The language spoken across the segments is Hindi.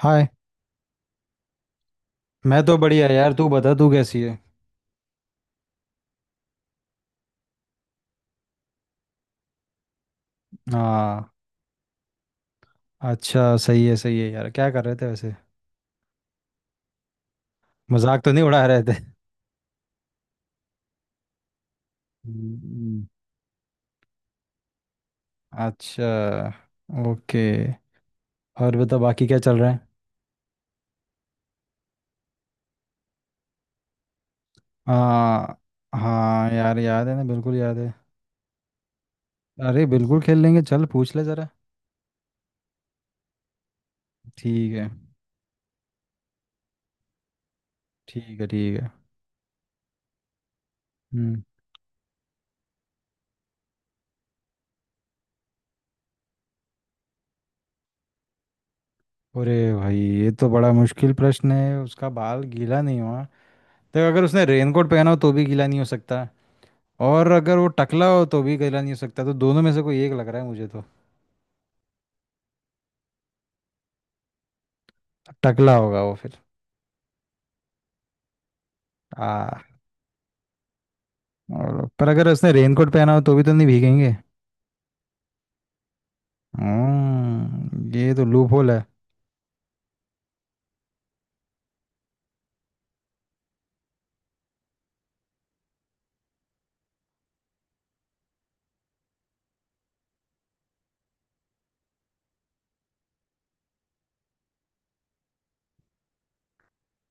हाय। मैं तो बढ़िया यार। तू बता तू कैसी है। हाँ। अच्छा, सही है यार। क्या कर रहे थे वैसे। मजाक तो नहीं उड़ा रहे थे। हम्म। अच्छा। ओके। और बता बाकी क्या चल रहा है। हाँ। हाँ यार, याद है ना, बिल्कुल याद है। अरे बिल्कुल खेल लेंगे, चल पूछ ले जरा। ठीक है, ठीक है, ठीक है। हम्म। अरे भाई ये तो बड़ा मुश्किल प्रश्न है। उसका बाल गीला नहीं हुआ तो अगर उसने रेनकोट पहना हो तो भी गीला नहीं हो सकता। और अगर वो टकला हो तो भी कहला नहीं सकता। तो दोनों में से कोई एक लग रहा है मुझे तो। टकला होगा वो फिर। आ और, पर अगर उसने रेनकोट पहना हो तो भी तो नहीं भीगेंगे। ये तो लूप होल है।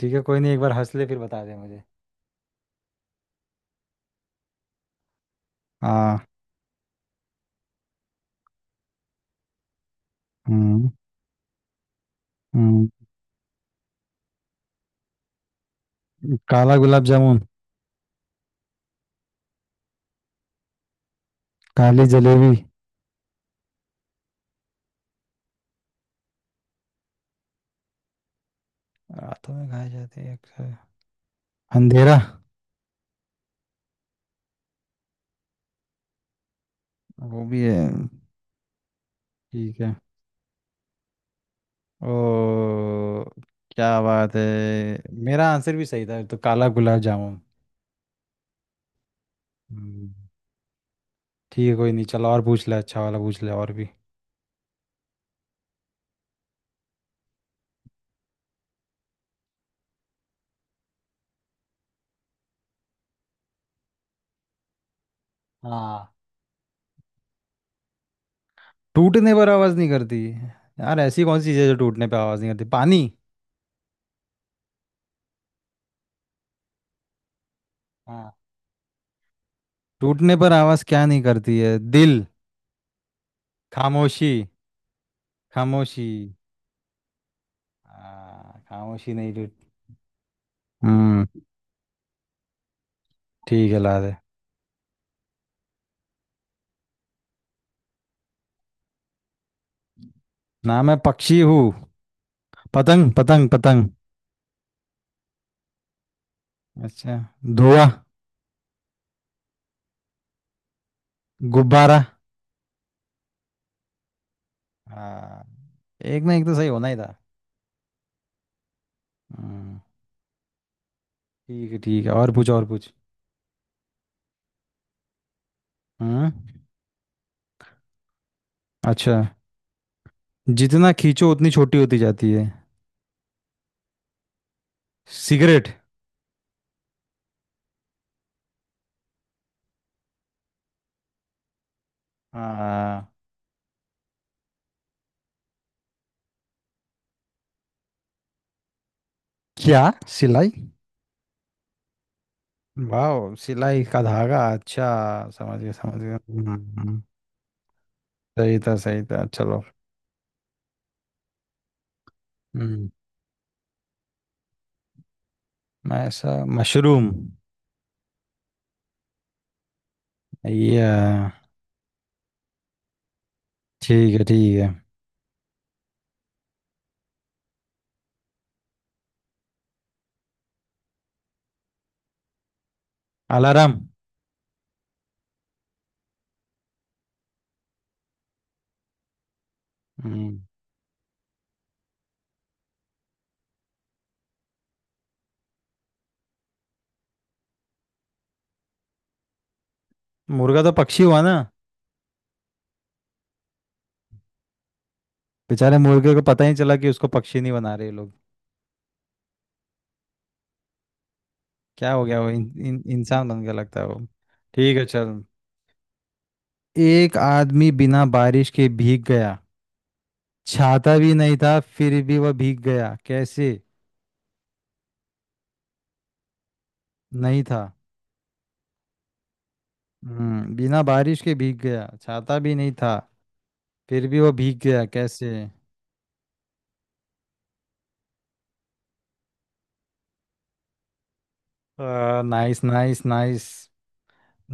ठीक है, कोई नहीं, एक बार हंस ले फिर बता दे मुझे। हाँ। हम्म। हम्म। काला गुलाब जामुन। काली जलेबी। रातों में खाई जाती है अक्सर। अंधेरा। वो भी है। ठीक है। ओ। क्या बात है। मेरा आंसर भी सही था तो, काला गुलाब जामुन। हम्म। ठीक है, कोई नहीं, चल और पूछ ले, अच्छा वाला पूछ ले और भी। हाँ। टूटने पर आवाज़ नहीं करती। यार ऐसी कौन सी चीज़ है जो टूटने पर आवाज़ नहीं करती। पानी। हाँ। टूटने पर आवाज़ क्या नहीं करती है। दिल। खामोशी। खामोशी। हाँ खामोशी नहीं टूट। हम्म। ठीक है, ला दे। ना मैं पक्षी हूँ। पतंग पतंग पतंग। अच्छा। धुआं। गुब्बारा। हाँ, एक ना एक तो सही होना ही था। हम्म। ठीक है, ठीक है, और पूछ और पूछ। हम्म। अच्छा। जितना खींचो उतनी छोटी होती जाती है। सिगरेट। हाँ। क्या। सिलाई। वाह, सिलाई का धागा, अच्छा समझ गया समझ गया। हम्म। हम्म। सही था चलो। हम्म। मैं ऐसा मशरूम। या। ठीक है, ठीक है। अलार्म। हम्म। मुर्गा तो पक्षी हुआ ना। बेचारे मुर्गे को पता ही नहीं चला कि उसको पक्षी नहीं बना रहे ये लोग। क्या हो गया वो इन, इन, इंसान बन गया लगता है वो। ठीक है चल। एक आदमी बिना बारिश के भीग गया। छाता भी नहीं था फिर भी वह भीग गया कैसे। नहीं था। बिना बारिश के भीग गया, छाता भी नहीं था, फिर भी वह भीग गया कैसे। Nice nice nice.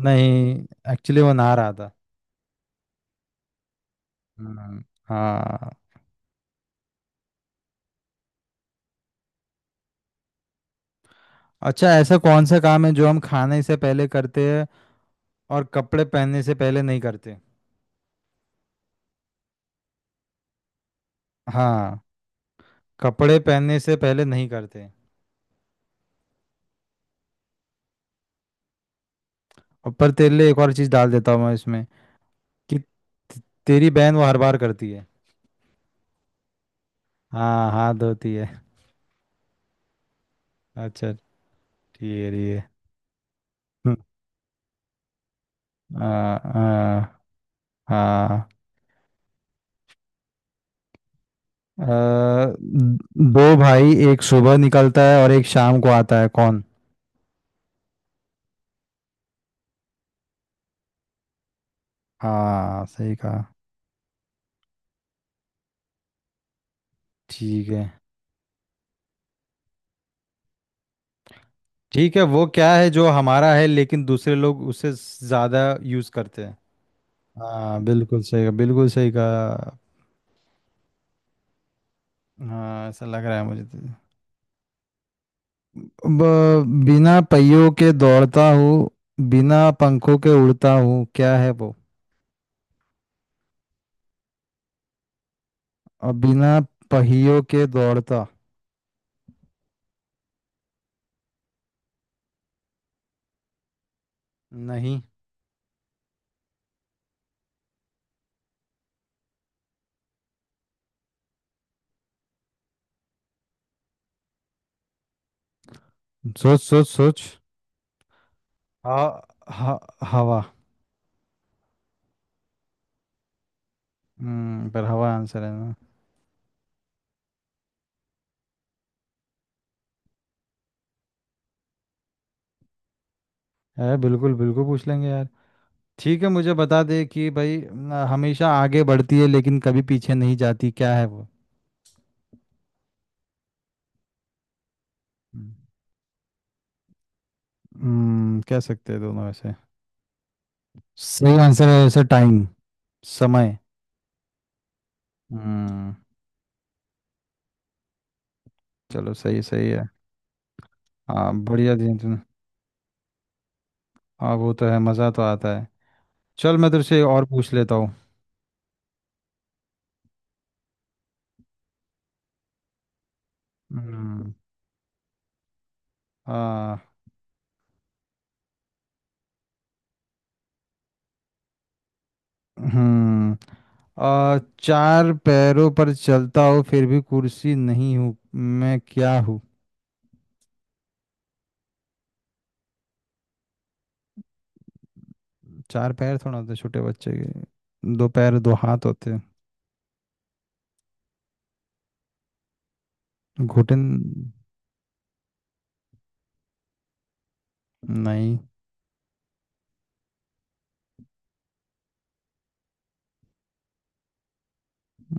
नहीं, एक्चुअली वो नहा रहा था। हम्म। हाँ। अच्छा, ऐसा कौन सा काम है जो हम खाने से पहले करते हैं और कपड़े पहनने से पहले नहीं करते। हाँ। कपड़े पहनने से पहले नहीं करते। और पर तेरे लिए एक और चीज डाल देता हूँ मैं इसमें, कि तेरी बहन वो हर बार करती है। हाँ, हाथ धोती है। अच्छा। ठीक है। हम्म। आ, आ, हाँ। दो भाई, एक सुबह निकलता है और एक शाम को आता है, कौन। हाँ सही कहा। ठीक है, ठीक है। वो क्या है जो हमारा है लेकिन दूसरे लोग उसे ज्यादा यूज करते हैं। हाँ, बिल्कुल सही कहा, बिल्कुल सही कहा। हाँ, ऐसा लग रहा है मुझे तो। बिना पहियों के दौड़ता हूँ, बिना पंखों के उड़ता हूँ, क्या है वो। और बिना पहियों के दौड़ता। नहीं। सोच सोच सोच। हा, हा। हवा। पर हवा आंसर है ना। अरे बिल्कुल बिल्कुल पूछ लेंगे यार। ठीक है, मुझे बता दे कि भाई, न हमेशा आगे बढ़ती है लेकिन कभी पीछे नहीं जाती, क्या है वो। कह सकते हैं दोनों वैसे। सही आंसर है वैसे, टाइम। समय। हम्म। चलो, सही, सही है। हाँ बढ़िया दिन तुमने। हाँ, वो तो है, मज़ा तो आता है। चल मैं तेरे से और पूछ लेता हूँ। हम्म। हाँ। हम्म। चार पैरों पर चलता हूँ फिर भी कुर्सी नहीं हूँ, मैं क्या हूँ। चार पैर थोड़ा होते छोटे बच्चे के, दो पैर दो हाथ होते हैं। घुटन। नहीं।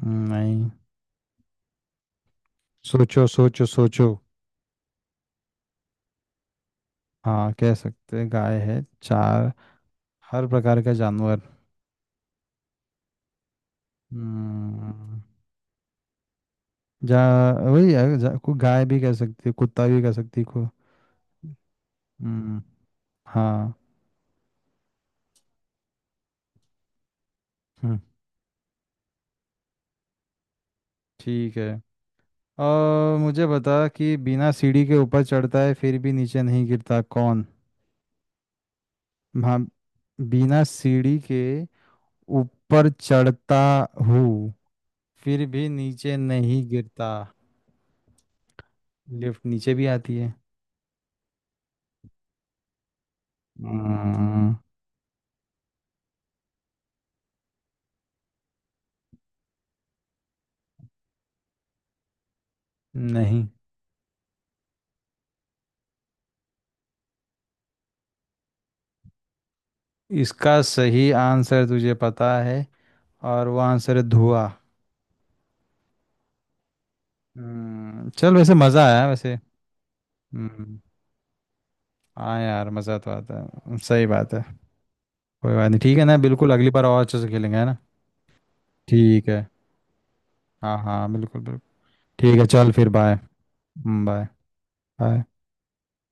नहीं। सोचो सोचो सोचो। हाँ, कह सकते हैं, गाय है, चार। हर प्रकार का जानवर। हम्म। जा। वही है, जा, को गाय भी कह सकती है, कुत्ता भी कह सकती है, को। हम्म। हाँ। हम्म। ठीक है। और मुझे बता कि बिना सीढ़ी के ऊपर चढ़ता है फिर भी नीचे नहीं गिरता, कौन। हाँ। बिना सीढ़ी के ऊपर चढ़ता हूँ, फिर भी नीचे नहीं गिरता। लिफ्ट नीचे भी आती है। हम्म। नहीं। इसका सही आंसर तुझे पता है, और वो आंसर है धुआं। हम्म। चल वैसे, मज़ा आया वैसे। हम्म। हाँ यार, मज़ा तो आता है, सही बात है। कोई बात नहीं, ठीक है ना, बिल्कुल, अगली बार और अच्छे से खेलेंगे, है ना। ठीक है। हाँ हाँ बिल्कुल बिल्कुल। ठीक है, चल फिर, बाय। बाय। बाय।